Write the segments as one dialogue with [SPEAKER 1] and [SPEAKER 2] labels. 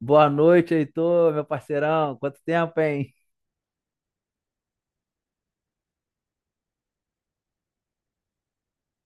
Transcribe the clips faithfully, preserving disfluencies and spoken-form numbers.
[SPEAKER 1] Boa noite, Heitor, meu parceirão. Quanto tempo, hein?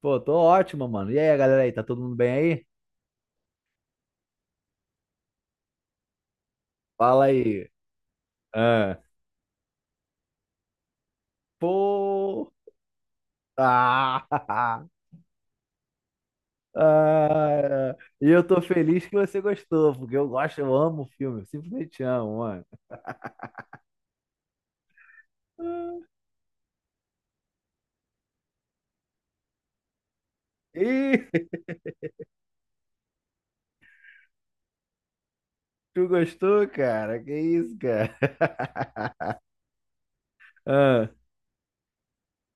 [SPEAKER 1] Pô, tô ótimo, mano. E aí, galera aí, tá todo mundo bem aí? Fala aí. Ah. Pô. Ah. Ah. E eu tô feliz que você gostou, porque eu gosto, eu amo o filme, eu simplesmente amo, mano. Ah. Ih, tu gostou, cara? Que isso, cara? Ah.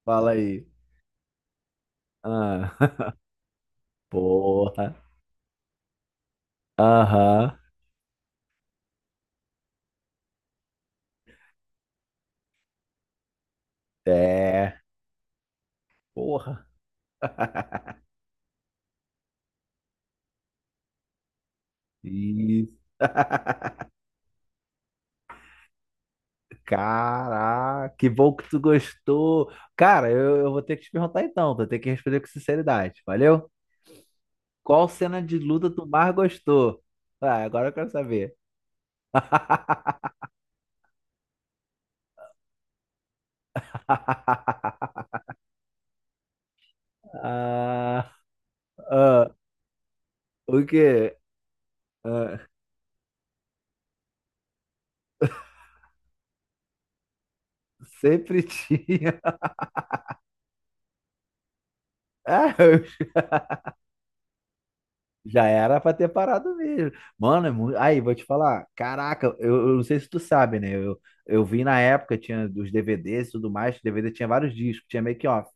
[SPEAKER 1] Fala aí. Ah. Porra. Aham. É. Porra. Isso. Caraca, que bom que tu gostou. Cara, eu, eu vou ter que te perguntar então, vou ter que responder com sinceridade, valeu? Qual cena de luta tu mais gostou? Ah, agora eu quero saber. Ah, ah, o quê? Ah, sempre tinha. Ah, eu já era pra ter parado mesmo. Mano, é mu- aí, vou te falar. Caraca, eu, eu não sei se tu sabe, né? Eu, eu vi na época, tinha os D V Ds e tudo mais. D V D tinha vários discos, tinha make-off.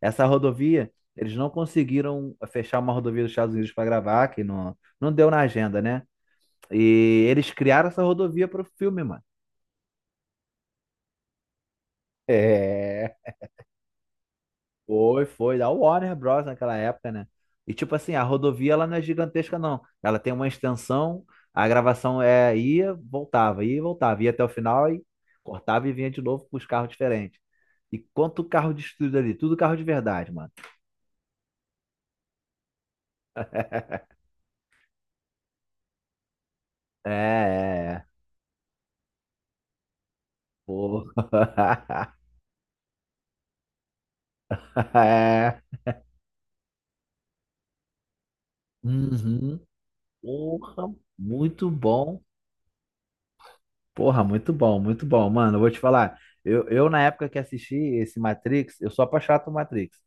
[SPEAKER 1] Essa rodovia, eles não conseguiram eh, fechar uma rodovia dos Estados Unidos pra gravar, que não, não deu na agenda, né? E eles criaram essa rodovia pro filme, mano. É. Foi, foi da Warner Bros. Naquela época, né? E tipo assim, a rodovia ela não é gigantesca, não. Ela tem uma extensão, a gravação é ia, voltava, ia e voltava, ia até o final e cortava e vinha de novo com os carros diferentes. E quanto carro de estúdio ali, tudo carro de verdade, mano. É, é, é. Pô. É. Uhum. Porra, muito bom. Porra, muito bom, muito bom. Mano, eu vou te falar. Eu, eu, na época que assisti esse Matrix, eu sou apaixonado por Matrix.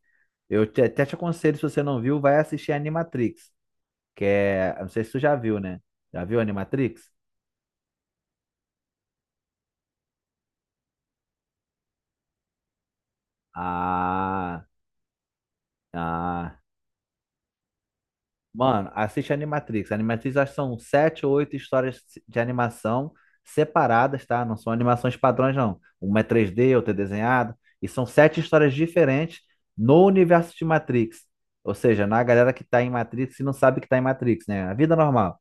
[SPEAKER 1] Eu te- até te aconselho, se você não viu, vai assistir Animatrix, que é, eu não sei se tu já viu, né? Já viu Animatrix? Ah, ah. Mano, assiste Animatrix. Animatrix acho que são sete ou oito histórias de animação separadas, tá? Não são animações padrões, não. Uma é três D, outra é desenhada. E são sete histórias diferentes no universo de Matrix. Ou seja, na galera que tá em Matrix e não sabe que tá em Matrix, né? A vida normal.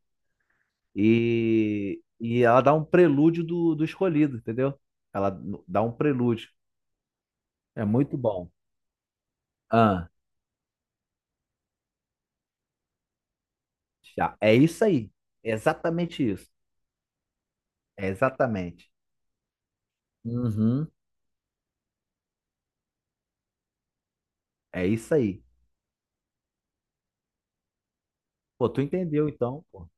[SPEAKER 1] E e ela dá um prelúdio do, do escolhido, entendeu? Ela n- dá um prelúdio. É muito bom. Ah, já. É isso aí. É exatamente isso. É exatamente. Uhum. É isso aí. Pô, tu entendeu então, pô.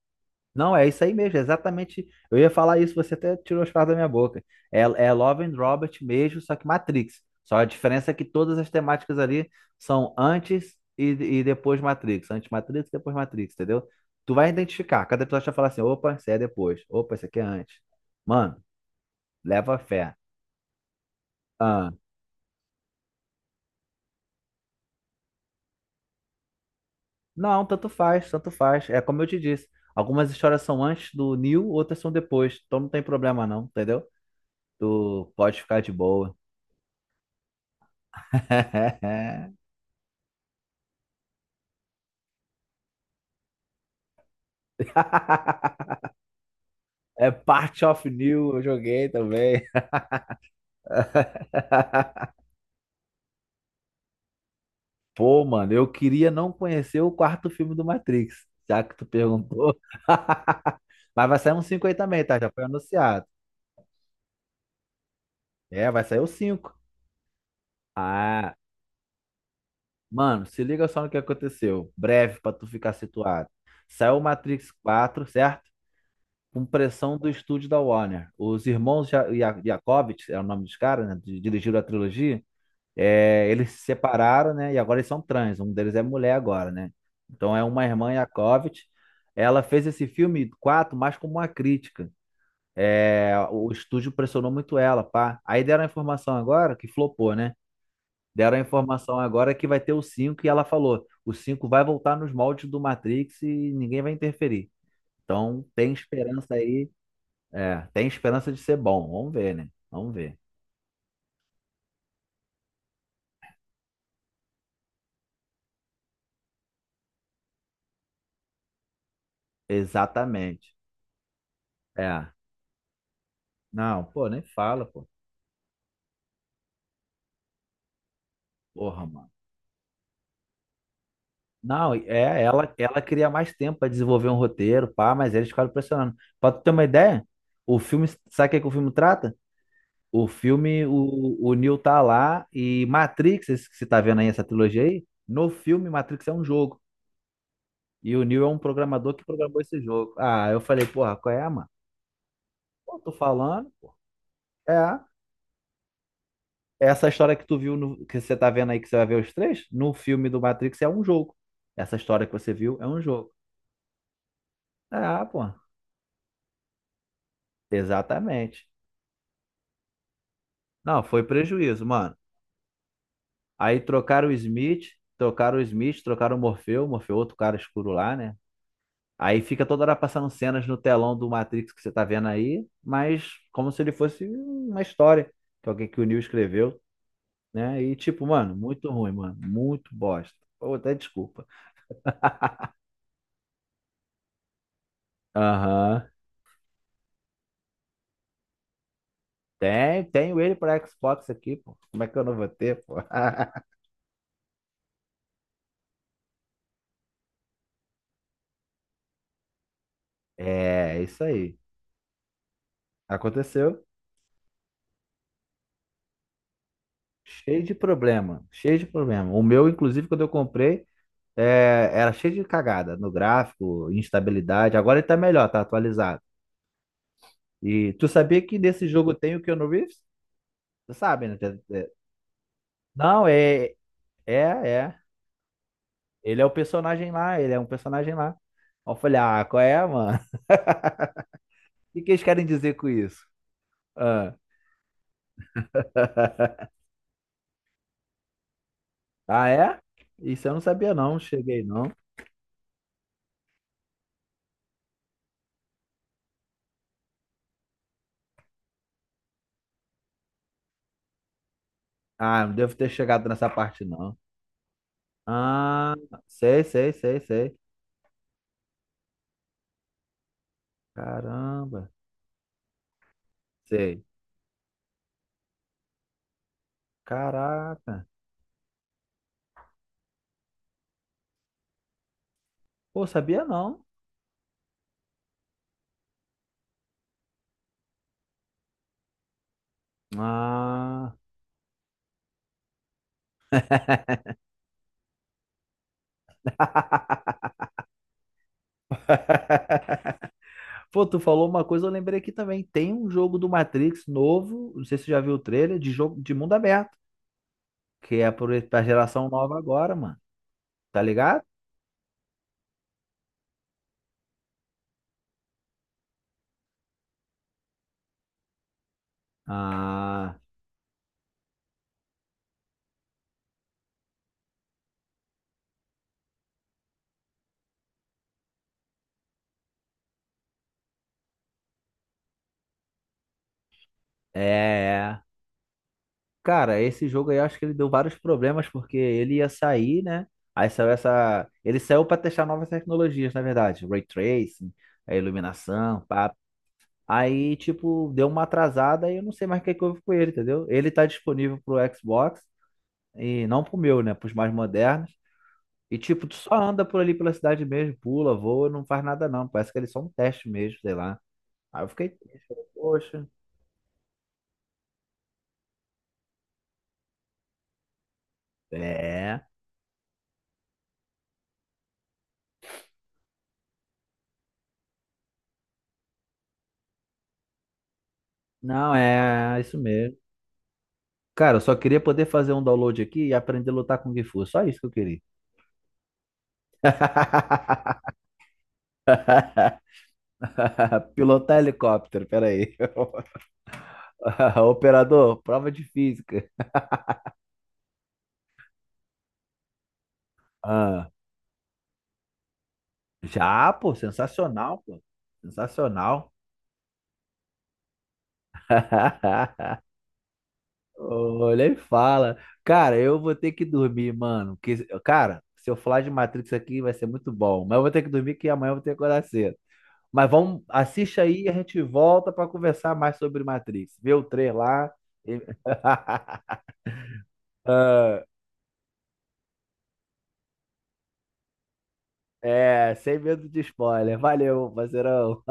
[SPEAKER 1] Não, é isso aí mesmo, é exatamente. Eu ia falar isso, você até tirou as palavras da minha boca. É, é Love and Robert mesmo, só que Matrix. Só a diferença é que todas as temáticas ali são antes e, e depois Matrix. Antes Matrix, depois Matrix, entendeu? Tu vai identificar. Cada episódio vai falar assim: opa, isso é depois. Opa, isso aqui é antes. Mano, leva fé. Ah, não, tanto faz, tanto faz. É como eu te disse. Algumas histórias são antes do Neo, outras são depois. Então não tem problema, não, entendeu? Tu pode ficar de boa. É Part of New, eu joguei também. Pô, mano, eu queria não conhecer o quarto filme do Matrix, já que tu perguntou. Mas vai sair um cinco aí também, tá? Já foi anunciado. É, vai sair o cinco. Ah, mano, se liga só no que aconteceu. Breve pra tu ficar situado. Saiu o Matrix quatro, certo? Com pressão do estúdio da Warner. Os irmãos Ja- Ja- Jacobits, é o nome dos caras, né? Di- Dirigiram a trilogia. É, eles se separaram, né? E agora eles são trans. Um deles é mulher agora, né? Então é uma irmã Yakovitch. Ela fez esse filme quatro mais como uma crítica. É, o estúdio pressionou muito ela, pá. Aí deram a informação agora que flopou, né? Deram a informação agora que vai ter o cinco e ela falou: o cinco vai voltar nos moldes do Matrix e ninguém vai interferir. Então tem esperança aí. É, tem esperança de ser bom. Vamos ver, né? Vamos ver. Exatamente. É. Não, pô, nem fala, pô. Porra, mano. Não, é, ela, ela queria mais tempo pra desenvolver um roteiro, pá, mas eles ficaram pressionando. Pra tu ter uma ideia, o filme, sabe o que, é que o filme trata? O filme, o, o Neo tá lá e Matrix, esse que você tá vendo aí, essa trilogia aí, no filme Matrix é um jogo. E o Neo é um programador que programou esse jogo. Ah, eu falei, porra, qual é, mano? Pô, tô falando, é, essa história que tu viu, no, que você tá vendo aí, que você vai ver os três, no filme do Matrix é um jogo. Essa história que você viu é um jogo. Ah, pô, exatamente. Não, foi prejuízo, mano. Aí trocaram o Smith, trocaram o Smith, trocaram o Morpheu, Morpheu, outro cara escuro lá, né? Aí fica toda hora passando cenas no telão do Matrix que você tá vendo aí, mas como se ele fosse uma história que alguém que o Neo escreveu, né? E tipo, mano, muito ruim, mano, muito bosta. Pô, até desculpa. Aham. Tem, tenho ele para Xbox aqui, pô. Como é que eu não vou ter, pô? É, isso aí. Aconteceu. Cheio de problema, cheio de problema. O meu, inclusive, quando eu comprei é, era cheio de cagada no gráfico, instabilidade. Agora ele tá melhor, tá atualizado. E tu sabia que nesse jogo tem o Keanu Reeves? Tu sabe, né? É- é. Não, é, é, É. Ele é o personagem lá, ele é um personagem lá. Aí eu falei, ah, qual é, mano? O que que eles querem dizer com isso? Ah, ah, é? Isso eu não sabia, não. Cheguei, não. Ah, não devo ter chegado nessa parte, não. Ah, sei, sei, sei, sei. Caramba, sei. Caraca. Pô, sabia não. Ah. Pô, tu falou uma coisa, eu lembrei aqui também. Tem um jogo do Matrix novo, não sei se você já viu o trailer, de jogo de mundo aberto, que é pro- pra geração nova agora, mano. Tá ligado? Ah, é. é. Cara, esse jogo aí eu acho que ele deu vários problemas, porque ele ia sair, né? Aí saiu essa. Ele saiu pra testar novas tecnologias, na verdade. Ray tracing, a iluminação, pá. Aí, tipo, deu uma atrasada e eu não sei mais o que é que houve com ele, entendeu? Ele tá disponível pro Xbox. E não pro meu, né? Pros mais modernos. E tipo, tu só anda por ali pela cidade mesmo, pula, voa, não faz nada não. Parece que eles são um teste mesmo, sei lá. Aí eu fiquei triste, falei, poxa. É. Não, é isso mesmo. Cara, eu só queria poder fazer um download aqui e aprender a lutar com Gifu. Só isso que eu queria. Pilotar helicóptero, peraí. Operador, prova de física. Ah, já, pô, sensacional, pô. Sensacional. Olha e fala. Cara, eu vou ter que dormir, mano. Que, cara, se eu falar de Matrix aqui vai ser muito bom. Mas eu vou ter que dormir que amanhã eu vou ter que acordar cedo. Mas vamos, assiste aí e a gente volta pra conversar mais sobre Matrix. Vê o trailer lá. E- Ah, é, sem medo de spoiler. Valeu, parceirão.